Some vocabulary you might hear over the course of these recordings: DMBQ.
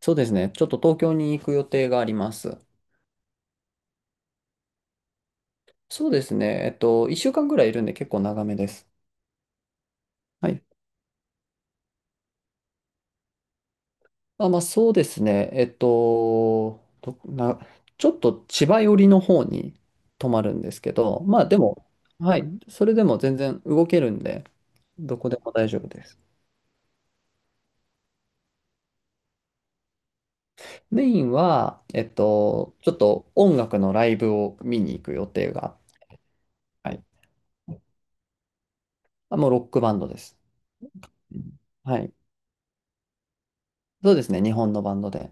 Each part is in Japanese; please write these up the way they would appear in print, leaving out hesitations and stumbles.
そうですね。ちょっと東京に行く予定があります。そうですね。1週間ぐらいいるんで結構長めです。はい。あ、まあそうですね。ちょっと千葉寄りの方に泊まるんですけど、まあでも、はい。それでも全然動けるんで、どこでも大丈夫です。メインは、ちょっと音楽のライブを見に行く予定が、はい。あ、もうロックバンドです。うん。はい。そうですね。日本のバンドで。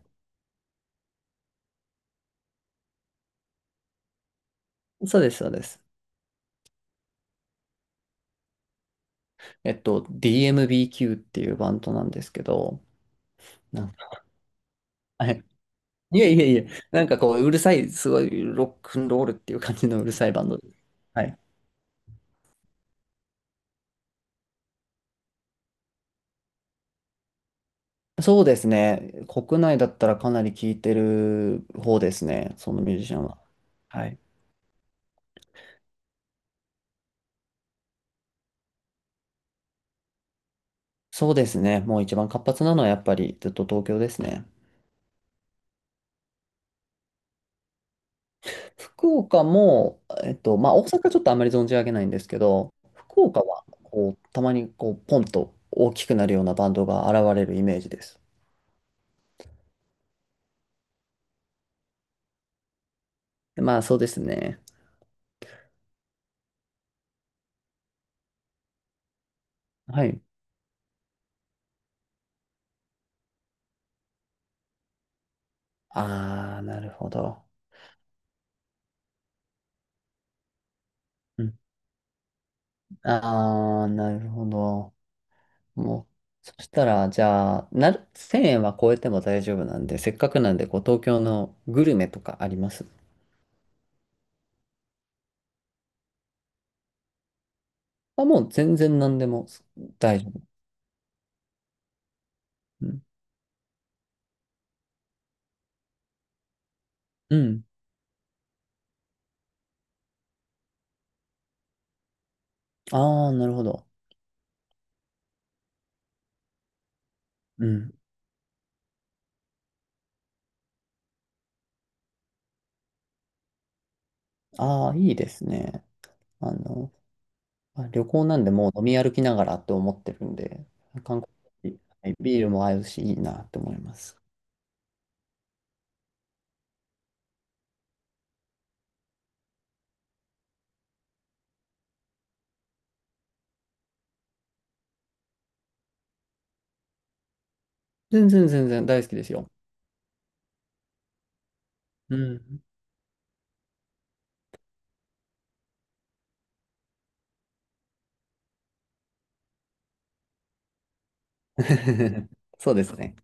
そうです、そうです。DMBQ っていうバンドなんですけど、なんか、はい。いえいえいえ、なんかこう、うるさい、すごいロックンロールっていう感じのうるさいバンドです。はい。そうですね。国内だったらかなり聴いてる方ですね、そのミュージシャンは。はい。そうですね。もう一番活発なのはやっぱりずっと東京ですね。福岡も、まあ大阪ちょっとあんまり存じ上げないんですけど、福岡はこう、たまにこう、ポンと大きくなるようなバンドが現れるイメージです。まあ、そうですね。はい。ああ、なるほど。うん。ああ、なるほど。もう、そしたら、じゃあ、1000円は超えても大丈夫なんで、せっかくなんで、こう、東京のグルメとかあります？あ、もう全然何でも大丈夫。うん。うん。ああ、なるほど。うん。ああ、いいですね。あの、まあ旅行なんでもう飲み歩きながらと思ってるんで、韓国、はい、ビールも合うし、いいなって思います。全然全然大好きですよ。うん。そうですね。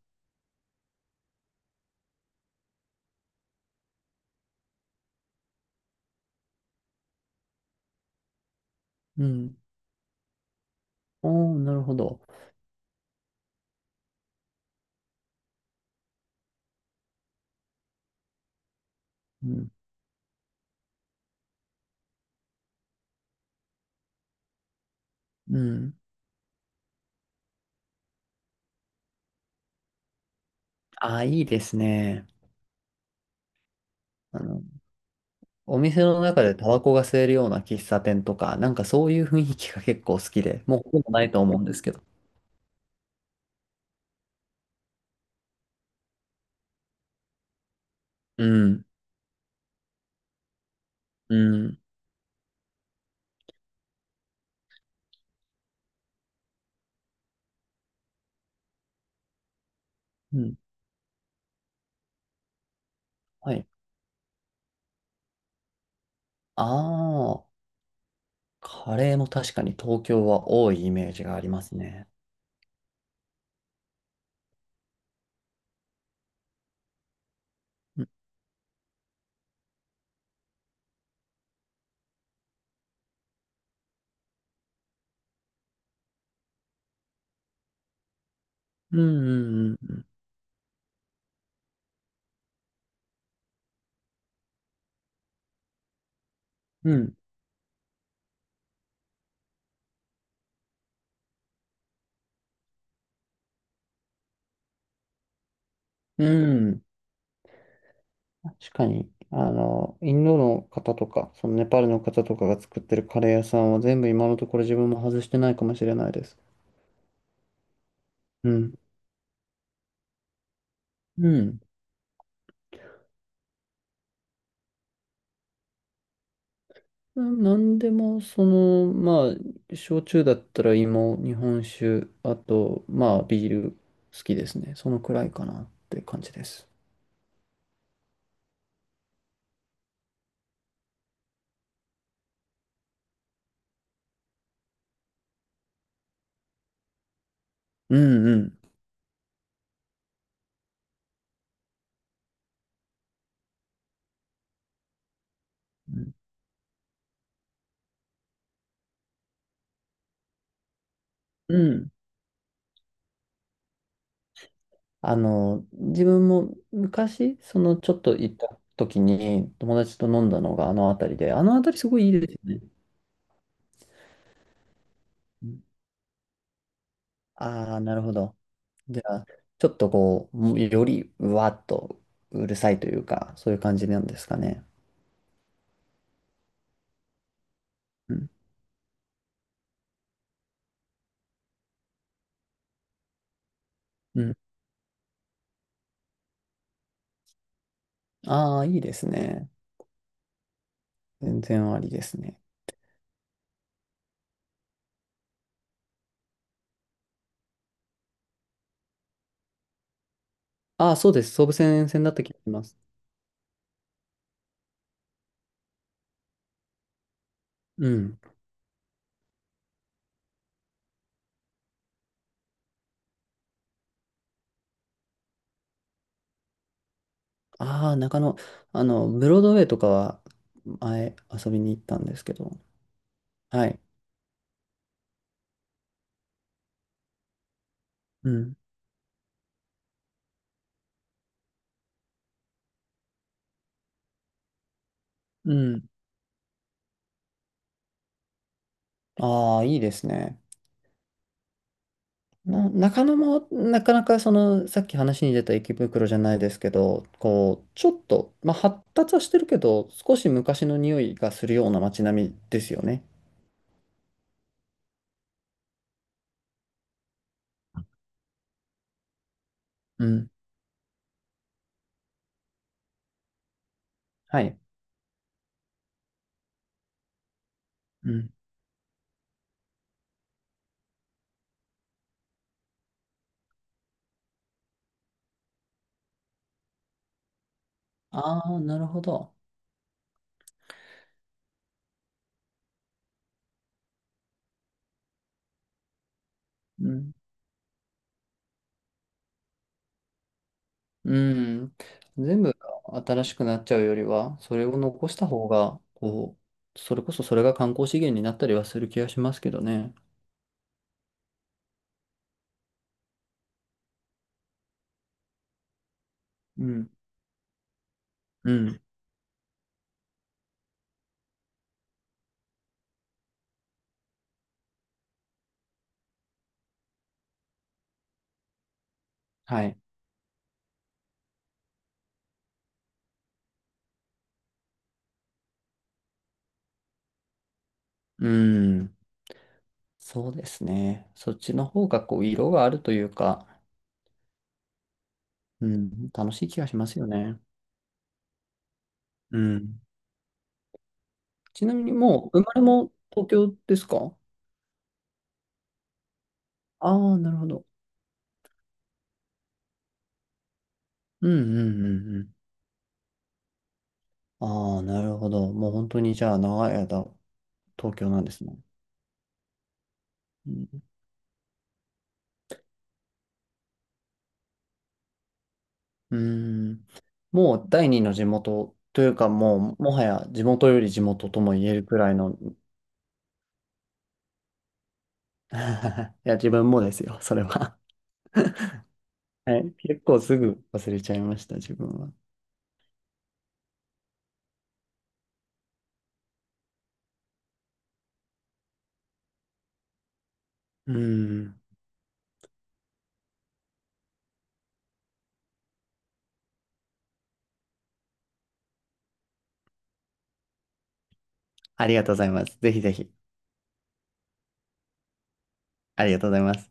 うん。おー、なるほど。うん。うん。ああ、いいですね。あの、お店の中でタバコが吸えるような喫茶店とか、なんかそういう雰囲気が結構好きで、もうほとんどないと思うんですけど。うん。うん。うん。はい。ああ、カレーも確かに東京は多いイメージがありますね。うん。うん。うん。うん。うん。確かに、あの、インドの方とか、そのネパールの方とかが作ってるカレー屋さんは全部今のところ自分も外してないかもしれないです。うん。うん。なんでも、その、まあ、焼酎だったら芋、日本酒、あと、まあ、ビール好きですね。そのくらいかなって感じです。うんうん。うんうん。あの、自分も昔、その、ちょっと行った時に友達と飲んだのがあの辺りで、あの辺りすごいいいですよね。ああ、なるほど。じゃあ、ちょっとこう、もうよりうわっとうるさいというか、そういう感じなんですかね。うん。うん。ああ、いいですね。全然ありですね。ああ、そうです。総武線線だった気がします。うん。ああ、中野、あの、ブロードウェイとかは前遊びに行ったんですけど。はい。うん。うん。ああ、いいですね。な、中野もなかなかそのさっき話に出た池袋じゃないですけど、こうちょっと、まあ、発達はしてるけど、少し昔の匂いがするような街並みですよね。うん。はい。うん。ああ、なるほど。うん。うん。全部が新しくなっちゃうよりは、それを残した方が、こう、それこそそれが観光資源になったりはする気がしますけどね。うん。うん。はい。うん。そうですね。そっちの方がこう色があるというか、うん、楽しい気がしますよね。うん。ちなみにもう生まれも東京ですか？ああー、なるほど。うんうんうんうん。ああ、なるほど。もう本当にじゃあ長い間東京なんですね。うん。うーん、もう第二の地元というかもうもはや地元より地元とも言えるくらいの。 いや自分もですよ、それは。はい、結構すぐ忘れちゃいました、自分は。うん。ありがとうございます。ぜひぜひ、ありがとうございます。